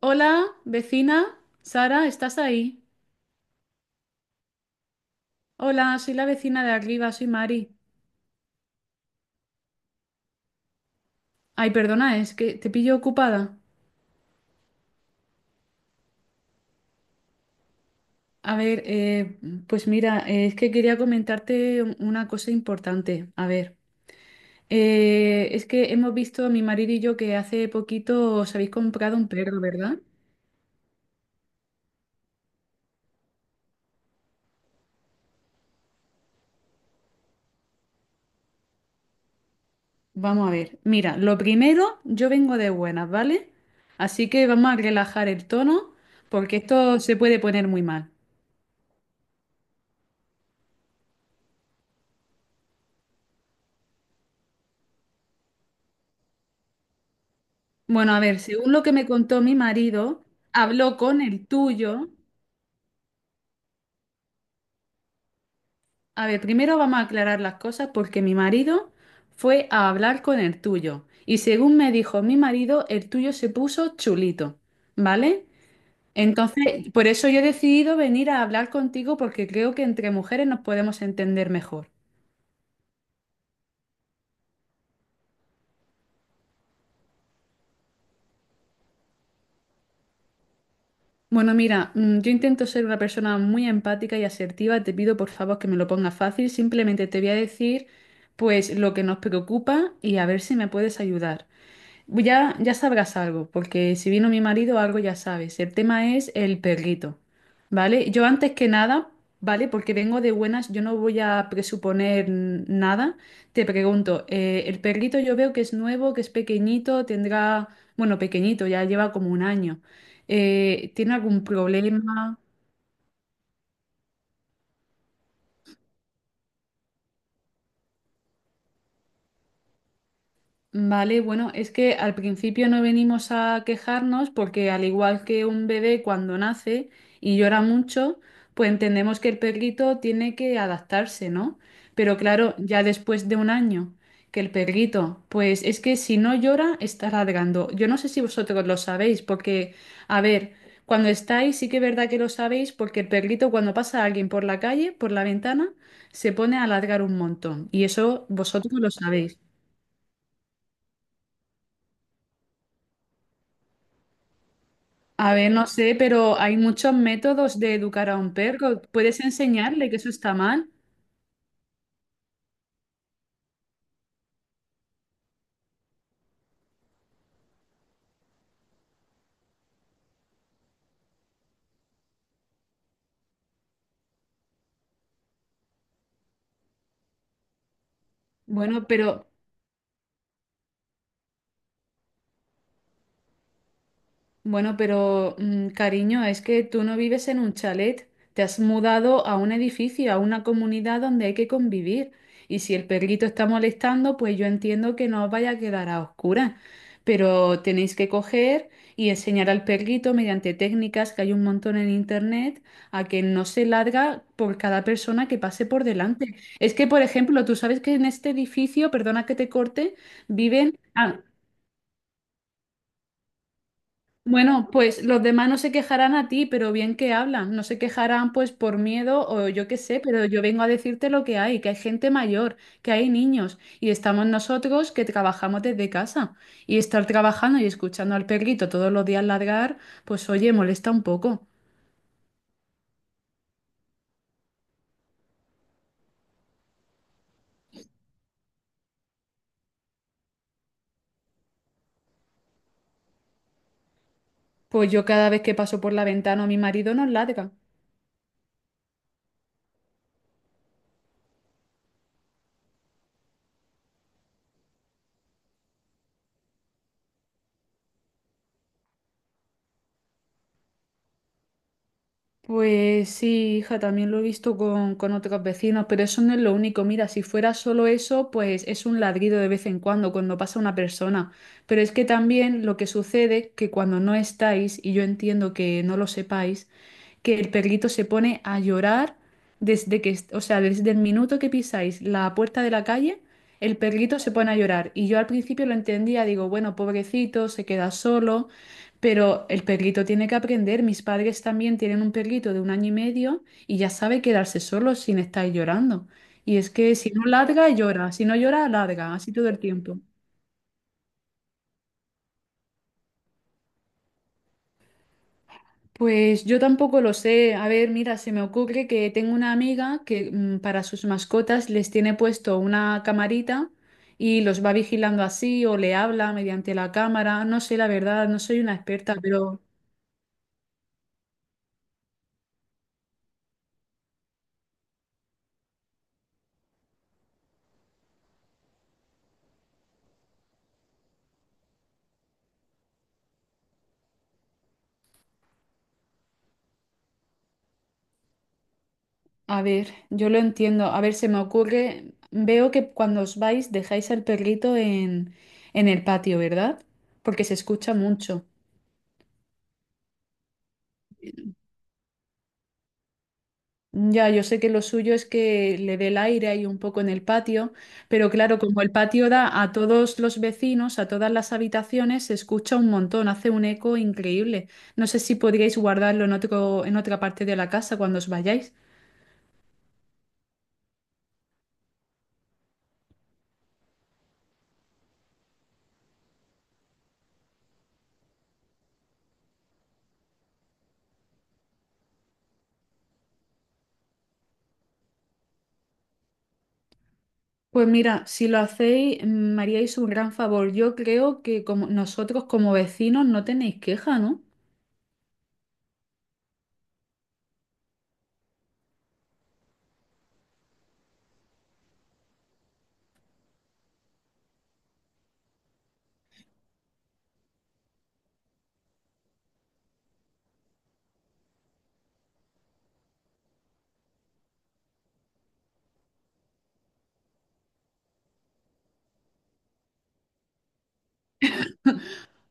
Hola, vecina. Sara, ¿estás ahí? Hola, soy la vecina de arriba, soy Mari. Ay, perdona, es que te pillo ocupada. A ver, pues mira, es que quería comentarte una cosa importante. A ver, es que hemos visto mi marido y yo que hace poquito os habéis comprado un perro, ¿verdad? Vamos a ver. Mira, lo primero, yo vengo de buenas, ¿vale? Así que vamos a relajar el tono porque esto se puede poner muy mal. Bueno, a ver, según lo que me contó mi marido, habló con el tuyo. A ver, primero vamos a aclarar las cosas porque mi marido fue a hablar con el tuyo. Y según me dijo mi marido, el tuyo se puso chulito, ¿vale? Entonces, por eso yo he decidido venir a hablar contigo porque creo que entre mujeres nos podemos entender mejor. Bueno, mira, yo intento ser una persona muy empática y asertiva. Te pido por favor que me lo pongas fácil. Simplemente te voy a decir pues lo que nos preocupa y a ver si me puedes ayudar. Ya, ya sabrás algo, porque si vino mi marido, algo ya sabes. El tema es el perrito, ¿vale? Yo antes que nada, ¿vale? Porque vengo de buenas, yo no voy a presuponer nada. Te pregunto, el perrito yo veo que es nuevo, que es pequeñito, tendrá, bueno, pequeñito, ya lleva como un año. ¿Tiene algún problema? Vale, bueno, es que al principio no venimos a quejarnos porque al igual que un bebé cuando nace y llora mucho, pues entendemos que el perrito tiene que adaptarse, ¿no? Pero claro, ya después de un año que el perrito, pues es que si no llora, está ladrando. Yo no sé si vosotros lo sabéis porque, a ver, cuando estáis sí que es verdad que lo sabéis porque el perrito cuando pasa a alguien por la calle, por la ventana, se pone a ladrar un montón y eso vosotros lo sabéis. A ver, no sé, pero hay muchos métodos de educar a un perro. Puedes enseñarle que eso está mal. Bueno, pero Bueno, pero cariño, es que tú no vives en un chalet, te has mudado a un edificio, a una comunidad donde hay que convivir. Y si el perrito está molestando, pues yo entiendo que no os vaya a quedar a oscuras, pero tenéis que coger y enseñar al perrito mediante técnicas que hay un montón en internet a que no se larga por cada persona que pase por delante. Es que, por ejemplo, tú sabes que en este edificio, perdona que te corte, viven... ah, bueno, pues los demás no se quejarán a ti, pero bien que hablan. No se quejarán pues por miedo o yo qué sé, pero yo vengo a decirte lo que hay gente mayor, que hay niños y estamos nosotros que trabajamos desde casa. Y estar trabajando y escuchando al perrito todos los días ladrar, pues oye, molesta un poco. Pues yo cada vez que paso por la ventana a mi marido nos ladra. Pues sí, hija, también lo he visto con otros vecinos, pero eso no es lo único. Mira, si fuera solo eso, pues es un ladrido de vez en cuando, cuando pasa una persona. Pero es que también lo que sucede, que cuando no estáis, y yo entiendo que no lo sepáis, que el perrito se pone a llorar desde que, o sea, desde el minuto que pisáis la puerta de la calle, el perrito se pone a llorar. Y yo al principio lo entendía, digo, bueno, pobrecito, se queda solo, pero el perrito tiene que aprender. Mis padres también tienen un perrito de 1 año y medio y ya sabe quedarse solo sin estar llorando. Y es que si no ladra, llora, si no llora, ladra, así todo el tiempo. Pues yo tampoco lo sé. A ver, mira, se me ocurre que tengo una amiga que para sus mascotas les tiene puesto una camarita y los va vigilando así o le habla mediante la cámara. No sé, la verdad, no soy una experta, pero a ver, yo lo entiendo. A ver, se me ocurre, veo que cuando os vais dejáis al perrito en el patio, ¿verdad? Porque se escucha mucho. Ya, yo sé que lo suyo es que le dé el aire ahí un poco en el patio, pero claro, como el patio da a todos los vecinos, a todas las habitaciones, se escucha un montón, hace un eco increíble. No sé si podríais guardarlo en otro, en otra parte de la casa cuando os vayáis. Pues mira, si lo hacéis, me haríais un gran favor. Yo creo que como nosotros como vecinos no tenéis queja, ¿no?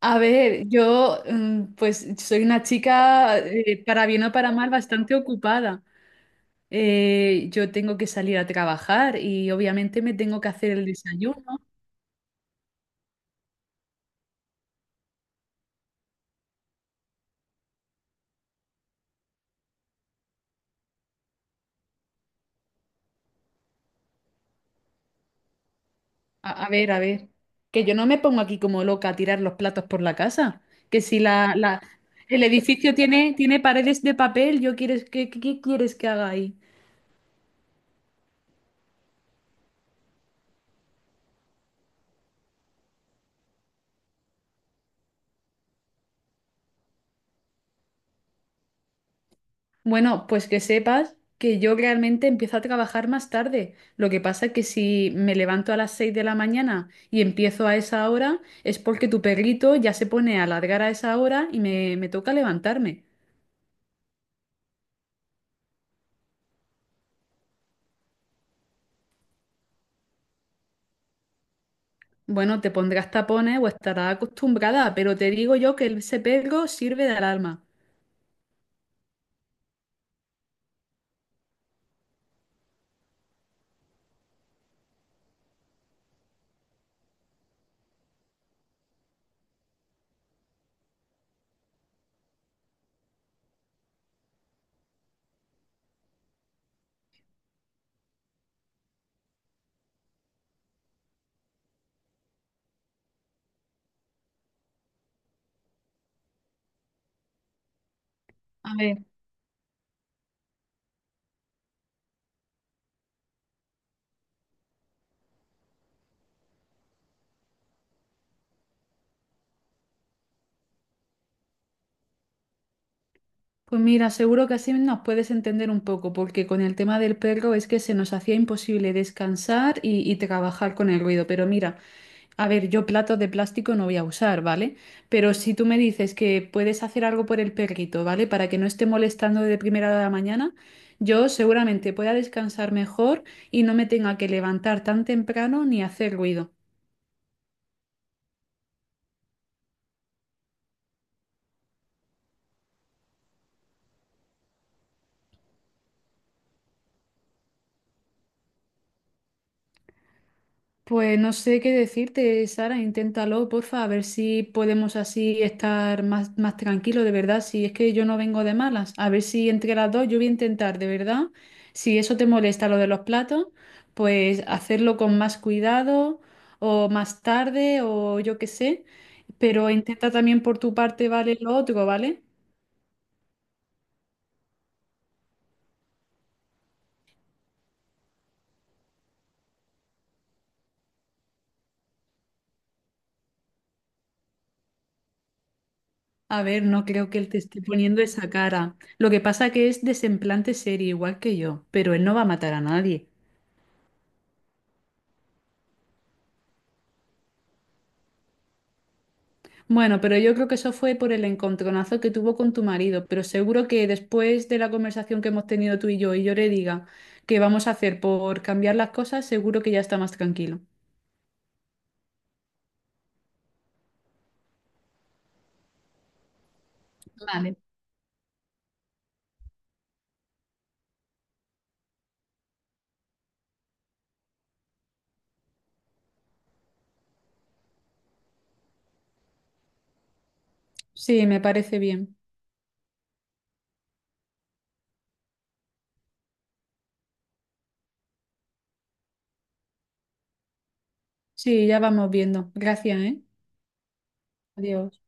A ver, yo pues soy una chica, para bien o para mal, bastante ocupada. Yo tengo que salir a trabajar y obviamente me tengo que hacer el desayuno. A ver, que yo no me pongo aquí como loca a tirar los platos por la casa, que si el edificio tiene, tiene paredes de papel, yo quieres, ¿qué, qué quieres que haga ahí? Bueno, pues que sepas que yo realmente empiezo a trabajar más tarde. Lo que pasa es que si me levanto a las 6 de la mañana y empiezo a esa hora, es porque tu perrito ya se pone a ladrar a esa hora y me toca levantarme. Bueno, te pondrás tapones o estarás acostumbrada, pero te digo yo que ese perro sirve de alarma. A ver, pues mira, seguro que así nos puedes entender un poco, porque con el tema del perro es que se nos hacía imposible descansar y trabajar con el ruido. Pero mira, a ver, yo platos de plástico no voy a usar, ¿vale? Pero si tú me dices que puedes hacer algo por el perrito, ¿vale? Para que no esté molestando de primera hora de la mañana, yo seguramente pueda descansar mejor y no me tenga que levantar tan temprano ni hacer ruido. Pues no sé qué decirte, Sara, inténtalo, porfa, a ver si podemos así estar más, más tranquilos, de verdad, si es que yo no vengo de malas, a ver si entre las dos yo voy a intentar, de verdad, si eso te molesta lo de los platos, pues hacerlo con más cuidado o más tarde o yo qué sé, pero intenta también por tu parte, ¿vale? Lo otro, ¿vale? A ver, no creo que él te esté poniendo esa cara. Lo que pasa que es desemplante serio, igual que yo, pero él no va a matar a nadie. Bueno, pero yo creo que eso fue por el encontronazo que tuvo con tu marido, pero seguro que después de la conversación que hemos tenido tú y yo le diga que vamos a hacer por cambiar las cosas, seguro que ya está más tranquilo. Vale. Sí, me parece bien. Sí, ya vamos viendo. Gracias, ¿eh? Adiós.